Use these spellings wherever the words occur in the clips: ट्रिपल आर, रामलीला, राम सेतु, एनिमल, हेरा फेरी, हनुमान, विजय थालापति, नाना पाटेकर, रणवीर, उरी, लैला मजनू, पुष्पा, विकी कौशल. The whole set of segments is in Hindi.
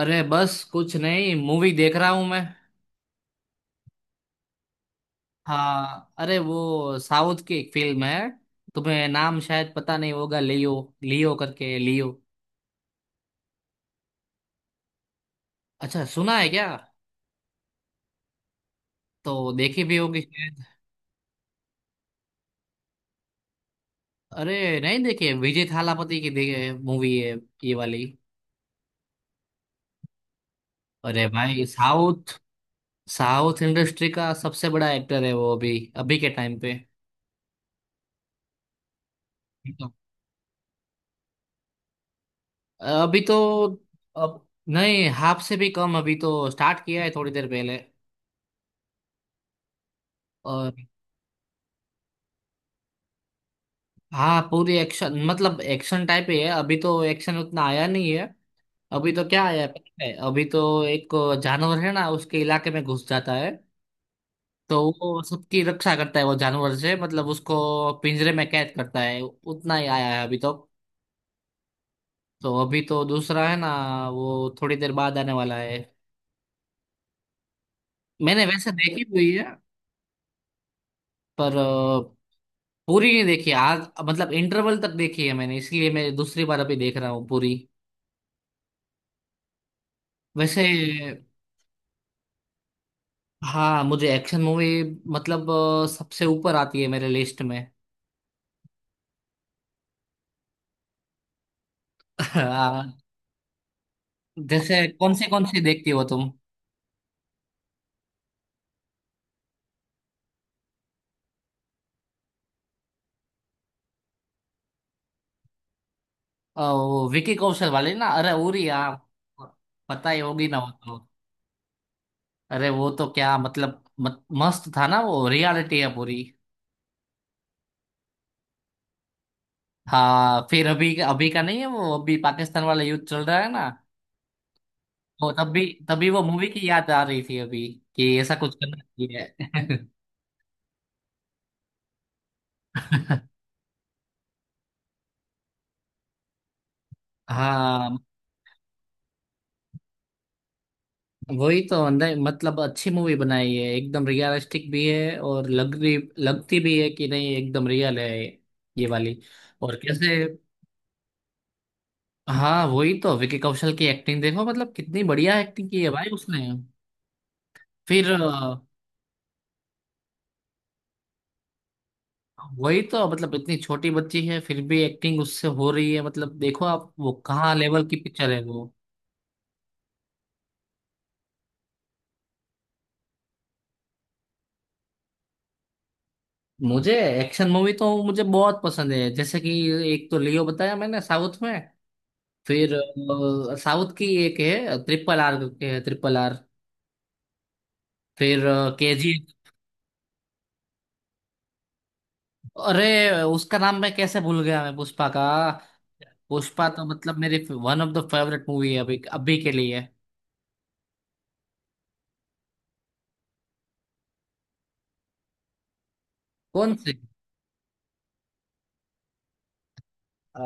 अरे बस कुछ नहीं, मूवी देख रहा हूं मैं। हाँ, अरे वो साउथ की एक फिल्म है। तुम्हें नाम शायद पता नहीं होगा, लियो। लियो करके लियो। अच्छा, सुना है क्या? तो देखी भी होगी शायद। अरे नहीं, देखी है, विजय थालापति की देखे मूवी है ये वाली। अरे भाई साउथ। साउथ इंडस्ट्री का सबसे बड़ा एक्टर है वो अभी अभी के टाइम पे। तो- अभी तो। अब, नहीं, हाफ से भी कम, अभी तो स्टार्ट किया है थोड़ी देर पहले। और। हाँ, पूरी एक्शन, मतलब एक्शन टाइप ही है, अभी तो एक्शन उतना आया नहीं है। अभी तो क्या आया है पता है? अभी तो एक जानवर है ना, उसके इलाके में घुस जाता है, तो वो सबकी रक्षा करता है वो जानवर से, मतलब उसको पिंजरे में कैद करता है, उतना ही आया है अभी तो। तो अभी तो दूसरा है ना, वो थोड़ी देर बाद आने वाला है। मैंने वैसे देखी हुई है। पर पूरी नहीं देखी आज, मतलब इंटरवल तक देखी है मैंने, इसलिए मैं दूसरी बार अभी देख रहा हूँ पूरी। वैसे। हाँ, मुझे एक्शन मूवी, मतलब सबसे ऊपर आती है मेरे लिस्ट में। आ, जैसे कौन सी देखती हो तुम? वो विकी कौशल वाली ना, अरे उरी, आप पता ही होगी ना वो तो। अरे वो तो क्या, मतलब मत, मस्त था ना वो, रियलिटी है पूरी। हाँ, फिर अभी अभी का नहीं है वो, अभी पाकिस्तान वाला युद्ध चल रहा है ना, तो तब भी तभी वो मूवी की याद आ रही थी अभी, कि ऐसा कुछ करना चाहिए। हाँ वही तो, अंदर मतलब अच्छी मूवी बनाई है, एकदम रियलिस्टिक भी है, और लग रही लगती भी है कि नहीं, एकदम रियल है ये वाली। और कैसे? हाँ वही तो, विकी कौशल की एक्टिंग देखो, मतलब कितनी बढ़िया एक्टिंग की है भाई उसने। फिर वही तो, मतलब इतनी छोटी बच्ची है फिर भी एक्टिंग उससे हो रही है, मतलब देखो आप, वो कहाँ लेवल की पिक्चर है वो। मुझे एक्शन मूवी तो मुझे बहुत पसंद है, जैसे कि एक तो लियो बताया मैंने साउथ में। फिर साउथ की एक है ट्रिपल आर, के है ट्रिपल आर। फिर केजी। अरे उसका नाम मैं कैसे भूल गया मैं, पुष्पा का। पुष्पा तो मतलब मेरी one of the favourite movie है अभी अभी के लिए। कौन सी? अ,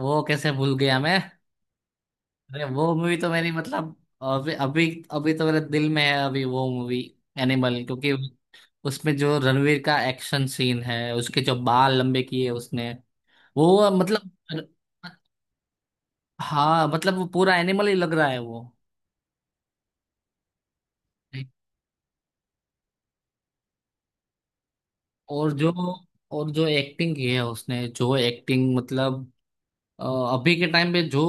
वो कैसे भूल गया मैं। अरे वो मूवी तो मेरी, मतलब अभी अभी अभी तो मेरे दिल में है अभी वो मूवी, एनिमल, क्योंकि उसमें जो रणवीर का एक्शन सीन है, उसके जो बाल लंबे किए उसने, वो मतलब। हाँ, मतलब वो पूरा एनिमल ही लग रहा है वो। नहीं। और जो और जो एक्टिंग की है उसने, जो एक्टिंग मतलब अ, अभी के टाइम पे जो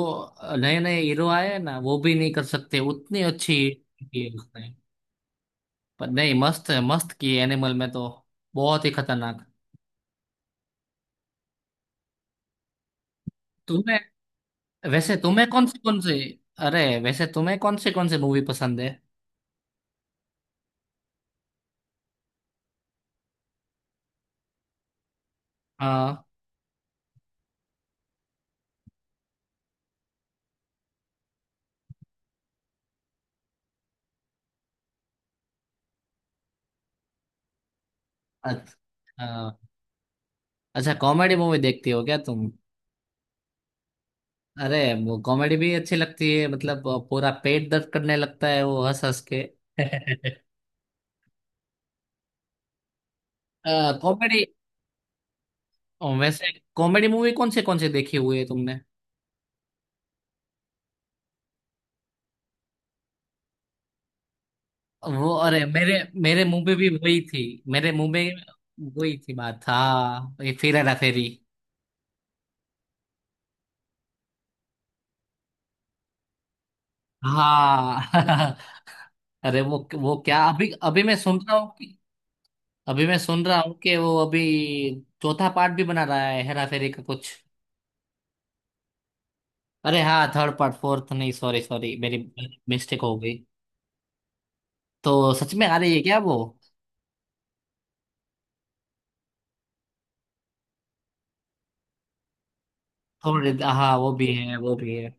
नए नए हीरो आए हैं ना, वो भी नहीं कर सकते उतनी अच्छी की है उसने। पर नहीं, मस्त है, मस्त की है। एनिमल में तो बहुत ही खतरनाक। तुम्हें वैसे, तुम्हें कौन सी कौन सी? अरे वैसे तुम्हें कौन सी मूवी पसंद है? हाँ। अच्छा। हाँ। अच्छा, कॉमेडी मूवी देखती हो क्या तुम? अरे वो कॉमेडी भी अच्छी लगती है, मतलब पूरा पेट दर्द करने लगता है वो हंस हंस के। कॉमेडी। वैसे कॉमेडी मूवी कौन से देखी हुई है तुमने? वो, अरे मेरे मेरे मुंह पे भी वही थी। मेरे मुंह में वही थी बात हाँ, ये फिर हेरा फेरी। हाँ। अरे वो क्या, अभी अभी मैं सुन रहा हूँ कि, वो अभी चौथा पार्ट भी बना रहा है हेरा फेरी का, कुछ। अरे हाँ, थर्ड पार्ट, फोर्थ नहीं, सॉरी सॉरी, मेरी मिस्टेक हो गई। तो सच में आ रही है क्या वो? थोड़े, हाँ वो भी है वो भी है।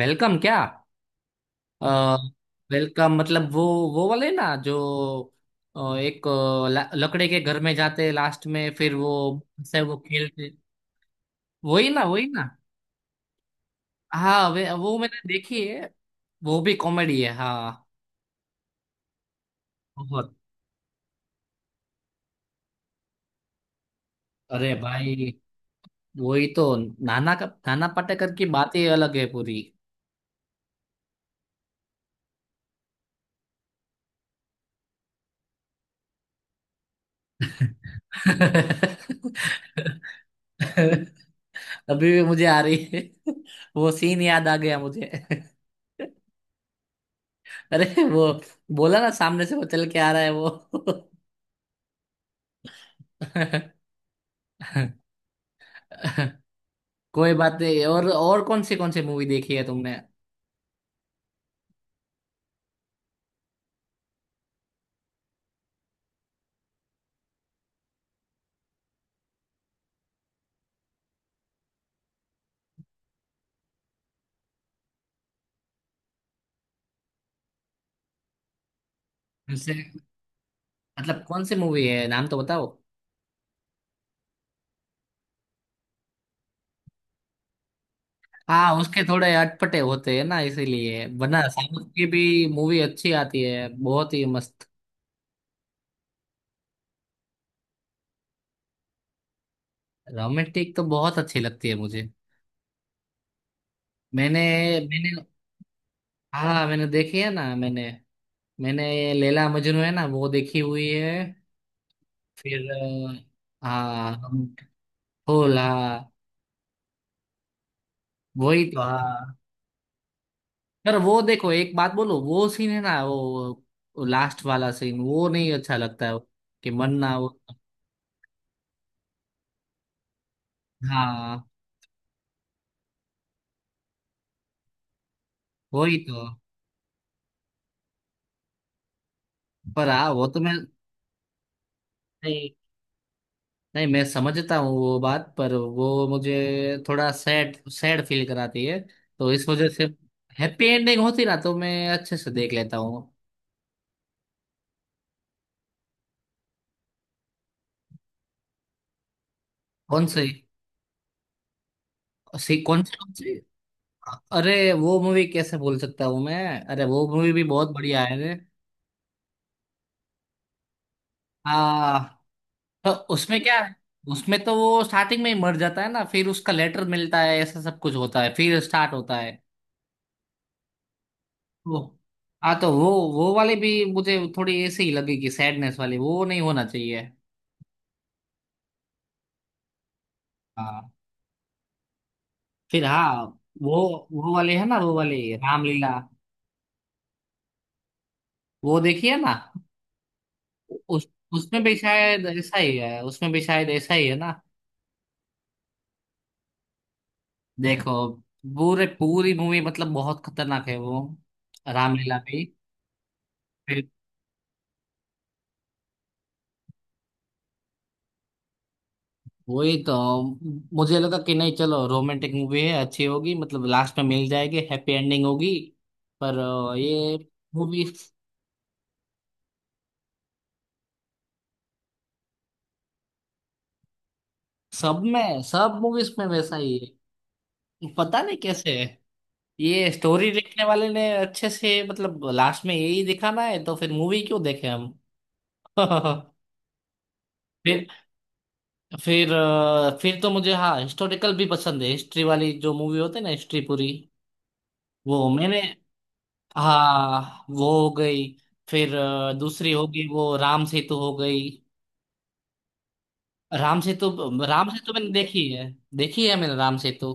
वेलकम क्या? आ, वेलकम मतलब वो वाले ना जो एक लकड़े के घर में जाते लास्ट में, फिर वो से वो खेलते, वही ना वही ना। हाँ, वे वो मैंने देखी है। वो भी कॉमेडी है हाँ। बहुत। अरे भाई, वही तो, नाना पाटेकर की बात ही अलग है पूरी। अभी भी मुझे आ रही है। वो सीन याद आ गया मुझे। अरे वो बोला ना सामने से वो चल के आ रहा है वो। कोई बात नहीं, और कौन सी मूवी देखी है तुमने? जैसे, मतलब कौन सी मूवी है, नाम तो बताओ। हाँ, उसके थोड़े अटपटे होते हैं ना, इसीलिए, वरना साउथ की भी मूवी अच्छी आती है, बहुत ही मस्त। रोमांटिक तो बहुत अच्छी लगती है मुझे। मैंने मैंने, हाँ मैंने देखी है ना, मैंने मैंने ये लैला मजनू है ना, वो देखी हुई है। फिर हाँ। फूल हाँ। वही तो हाँ। यार वो देखो, एक बात बोलो, वो सीन है ना वो लास्ट वाला सीन, वो नहीं अच्छा लगता है कि मन ना हो। हाँ वही तो। पर हाँ, वो तो मैं नहीं, नहीं मैं समझता हूँ वो बात, पर वो मुझे थोड़ा सैड सैड फील कराती है, तो इस वजह से हैप्पी एंडिंग होती ना तो मैं अच्छे से देख लेता हूँ। कौन सी? सी, कौन सी कौन सी? अरे वो मूवी कैसे भूल सकता हूँ मैं, अरे वो मूवी भी बहुत बढ़िया है। रे, तो उसमें क्या है? उसमें तो वो स्टार्टिंग में ही मर जाता है ना, फिर उसका लेटर मिलता है, ऐसा सब कुछ होता है, फिर स्टार्ट होता है वो। हाँ, तो वो वाली भी मुझे थोड़ी ऐसे ही लगेगी, सैडनेस वाली वो नहीं होना चाहिए। हाँ फिर हाँ। वो वो वाले है ना वो वाली रामलीला। वो देखिए ना, उस उसमें भी शायद ऐसा ही है, उसमें भी शायद ऐसा ही है ना। देखो, पूरे पूरी मूवी मतलब बहुत खतरनाक है वो, रामलीला भी। वही तो, मुझे लगा कि नहीं चलो रोमांटिक मूवी है अच्छी होगी, मतलब लास्ट में मिल जाएगी, हैप्पी एंडिंग होगी, पर ये मूवी सब मूवीज में वैसा ही है, पता नहीं कैसे है। ये स्टोरी लिखने वाले ने अच्छे से मतलब लास्ट में यही दिखाना है तो फिर मूवी क्यों देखे हम। फिर फिर फिर तो मुझे हाँ, हिस्टोरिकल भी पसंद है, हिस्ट्री वाली जो मूवी होती है ना, हिस्ट्री पूरी। वो मैंने, हाँ वो हो गई। फिर दूसरी हो गई वो राम सेतु हो गई। राम सेतु, राम सेतु मैंने देखी है, देखी है मैंने राम सेतु।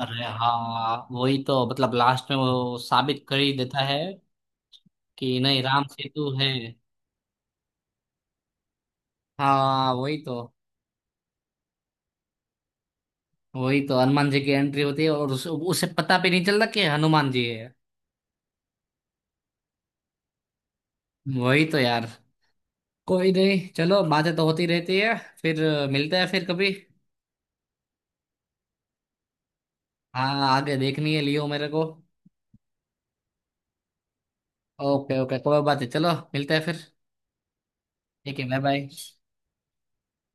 अरे हाँ, वही तो, मतलब लास्ट में वो साबित कर ही देता है कि नहीं राम सेतु है। हाँ, वही तो हनुमान जी की एंट्री होती है, और उसे पता भी नहीं चलता कि हनुमान जी है। वही तो यार। कोई नहीं, चलो, बातें तो होती रहती है। फिर मिलते हैं फिर कभी। हाँ, आगे देखनी है लियो मेरे को। ओके ओके, कोई बात है, चलो मिलते हैं फिर। ठीक है, बाय बाय।